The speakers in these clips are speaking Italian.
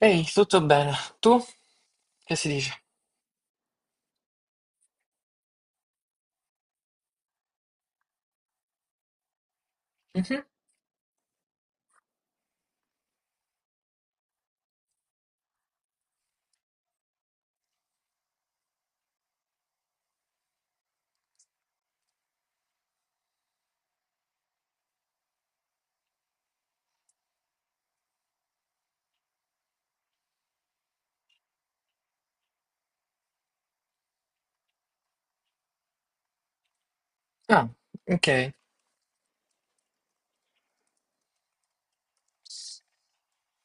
Ehi, tutto bene? Tu? Che si dice? Mhm. Ah, ok.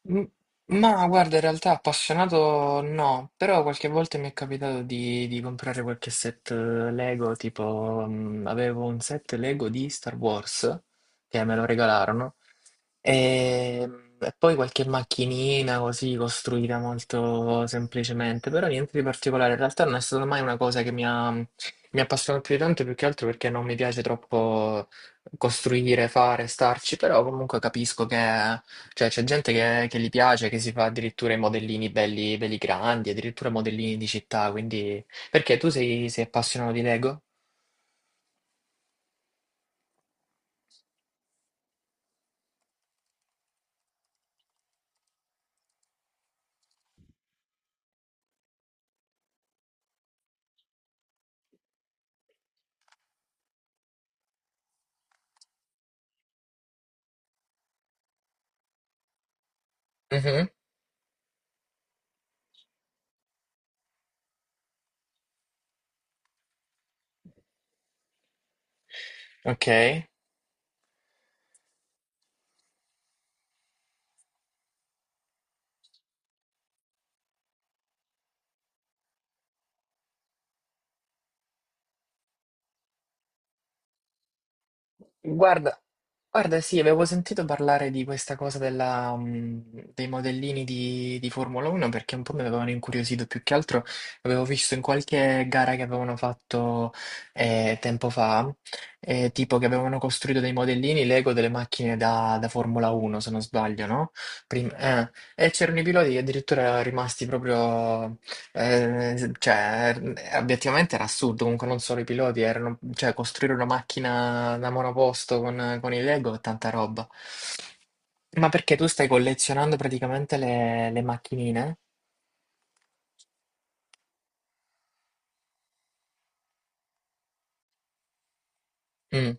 M- Ma guarda, in realtà appassionato no, però qualche volta mi è capitato di comprare qualche set Lego, tipo avevo un set Lego di Star Wars che me lo regalarono e, e poi qualche macchinina così costruita molto semplicemente, però niente di particolare, in realtà non è stata mai una cosa che mi ha appassionato più di tanto, più che altro perché non mi piace troppo costruire, fare, starci, però comunque capisco che cioè, c'è gente che gli piace, che si fa addirittura i modellini belli, belli grandi, addirittura modellini di città, quindi... Perché tu sei appassionato di Lego? Mhm. Ok. Guarda, guarda, sì, avevo sentito parlare di questa cosa dei modellini di Formula 1 perché un po' mi avevano incuriosito, più che altro avevo visto in qualche gara che avevano fatto tempo fa, tipo che avevano costruito dei modellini Lego delle macchine da Formula 1, se non sbaglio, no? E c'erano i piloti che addirittura erano rimasti proprio obiettivamente era assurdo, comunque non solo i piloti, cioè, costruire una macchina da monoposto con i Lego è tanta roba. Ma perché tu stai collezionando praticamente le macchinine? Mm,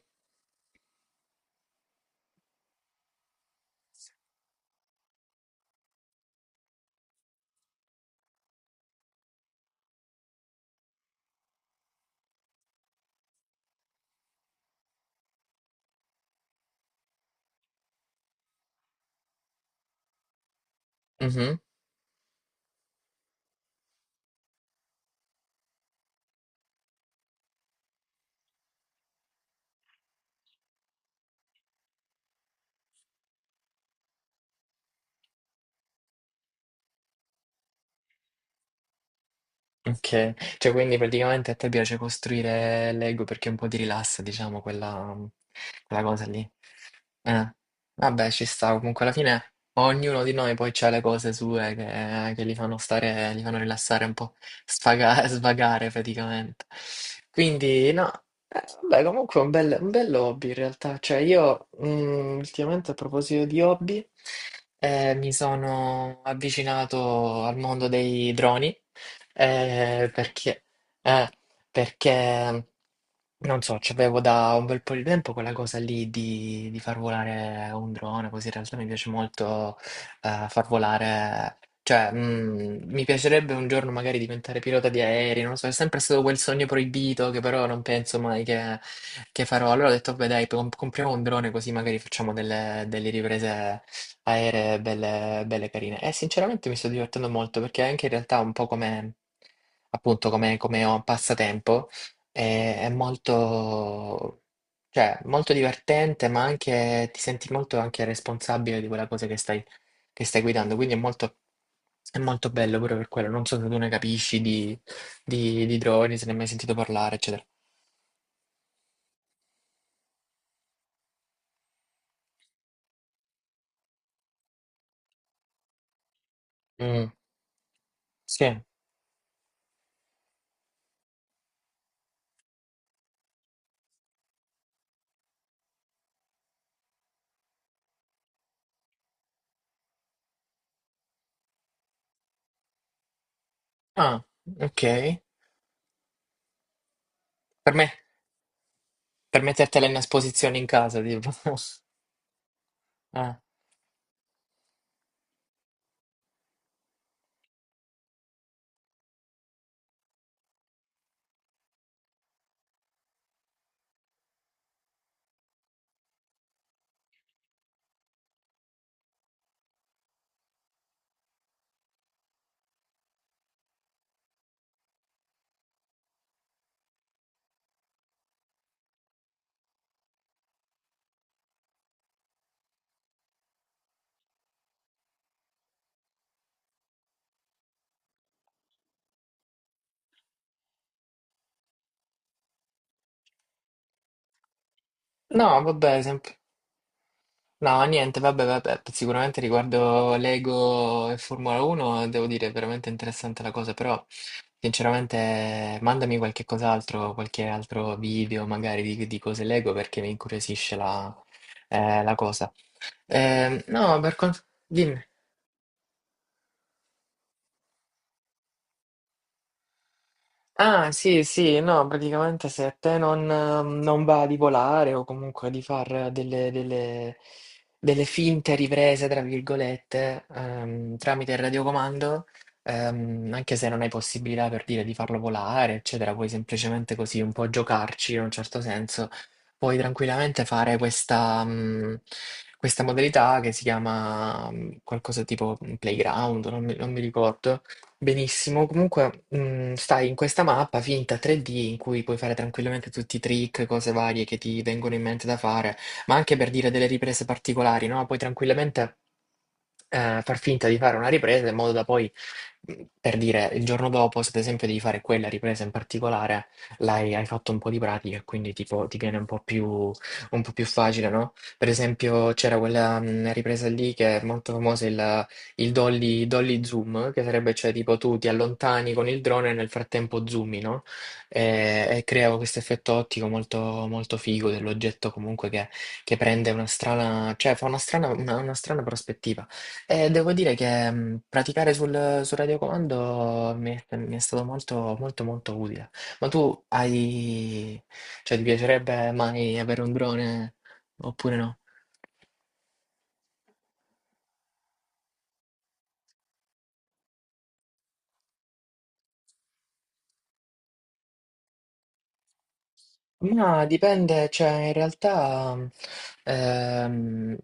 mhm. Okay. Cioè, quindi praticamente a te piace costruire Lego perché un po' ti rilassa, diciamo, quella cosa lì. Eh. Vabbè, ci sta. Comunque alla fine ognuno di noi poi c'ha le cose sue che li fanno rilassare un po', sfaga svagare praticamente. Quindi no, vabbè comunque è un bell'hobby in realtà. Cioè io, ultimamente a proposito di hobby, mi sono avvicinato al mondo dei droni. Eh, perché, eh, perché, non so, c'avevo da un bel po' di tempo quella cosa lì di far volare un drone, così in realtà mi piace molto far volare, cioè mi piacerebbe un giorno magari diventare pilota di aerei, non lo so, è sempre stato quel sogno proibito che però non penso mai che, farò. Allora ho detto, beh dai, compriamo un drone così magari facciamo delle riprese aeree belle, belle carine. E sinceramente mi sto divertendo molto perché anche in realtà un po' come, appunto, come ho un passatempo. È molto, cioè, molto divertente, ma anche ti senti molto anche responsabile di quella cosa che stai guidando. Quindi è molto bello pure per quello. Non so se tu ne capisci di droni, se ne hai mai sentito parlare, eccetera. Mm. Sì. Ah, ok. Per me, per mettertela in esposizione in casa, tipo. Ah. No, vabbè, sempre. No, niente, vabbè, vabbè, sicuramente riguardo Lego e Formula 1 devo dire è veramente interessante la cosa, però sinceramente mandami qualche cos'altro, qualche altro video magari di cose Lego perché mi incuriosisce la cosa. No, per quanto... Dimmi. Ah, sì, sì, no, praticamente se a te non va di volare o comunque di fare delle finte riprese, tra virgolette, tramite il radiocomando, anche se non hai possibilità per dire di farlo volare, eccetera, puoi semplicemente così un po' giocarci in un certo senso, puoi tranquillamente fare questa modalità che si chiama, qualcosa tipo playground, non mi ricordo. Benissimo, comunque stai in questa mappa finta 3D in cui puoi fare tranquillamente tutti i trick, cose varie che ti vengono in mente da fare, ma anche per dire delle riprese particolari, no? Puoi tranquillamente far finta di fare una ripresa in modo da poi, per dire, il giorno dopo, se ad esempio devi fare quella ripresa in particolare, hai fatto un po' di pratica e quindi tipo, ti viene un po' più facile, no? Per esempio c'era quella ripresa lì che è molto famosa, il dolly zoom, che sarebbe cioè tipo tu ti allontani con il drone e nel frattempo zoomi, no? E crea questo effetto ottico molto, molto figo dell'oggetto comunque che prende una strana, cioè fa una strana, una strana prospettiva. E devo dire che praticare sul radiocomando mi è stato molto, molto, molto utile. Ma tu hai, cioè ti piacerebbe mai avere un drone oppure no? Ma dipende, cioè in realtà ehm,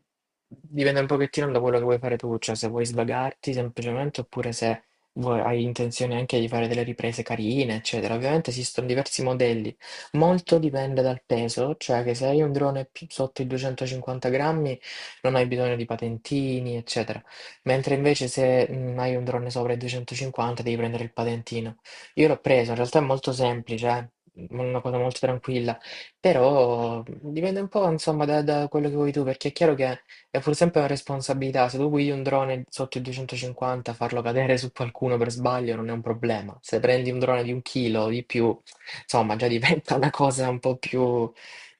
dipende un pochettino da quello che vuoi fare tu, cioè se vuoi svagarti semplicemente oppure se hai intenzione anche di fare delle riprese carine, eccetera. Ovviamente esistono diversi modelli, molto dipende dal peso, cioè che se hai un drone più sotto i 250 grammi non hai bisogno di patentini, eccetera. Mentre invece se hai un drone sopra i 250 devi prendere il patentino. Io l'ho preso, in realtà è molto semplice, una cosa molto tranquilla, però dipende un po', insomma, da quello che vuoi tu, perché è chiaro che è pur sempre una responsabilità. Se tu guidi un drone sotto i 250, farlo cadere su qualcuno per sbaglio non è un problema. Se prendi un drone di un chilo o di più, insomma, già diventa una cosa un po' più...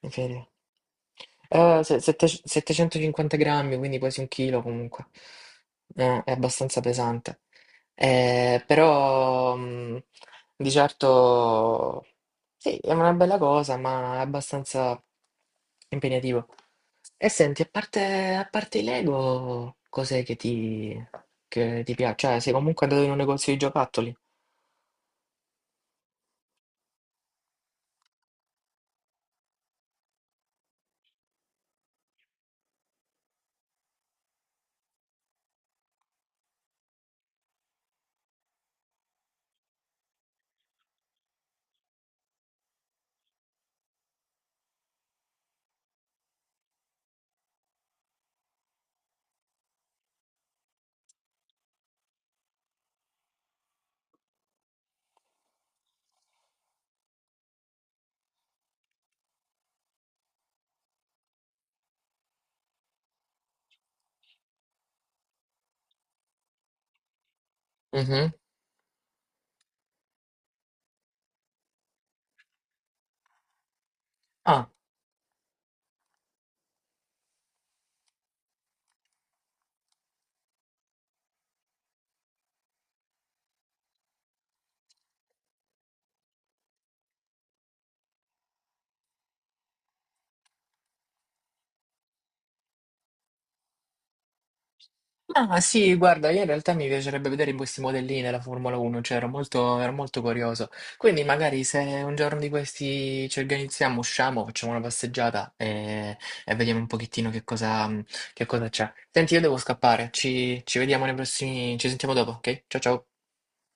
inferiore. 750 grammi, quindi quasi un chilo comunque. È abbastanza pesante. Però di certo sì, è una bella cosa, ma è abbastanza impegnativo. E senti, a parte i Lego, cos'è che ti, piace? Cioè, sei comunque andato in un negozio di giocattoli? Mhm. Ah. Ah sì, guarda, io in realtà mi piacerebbe vedere questi modellini della Formula 1, cioè ero molto curioso. Quindi magari se un giorno di questi ci organizziamo, usciamo, facciamo una passeggiata e vediamo un pochettino che cosa c'è. Senti, io devo scappare, ci vediamo nei prossimi, ci sentiamo dopo, ok? Ciao ciao.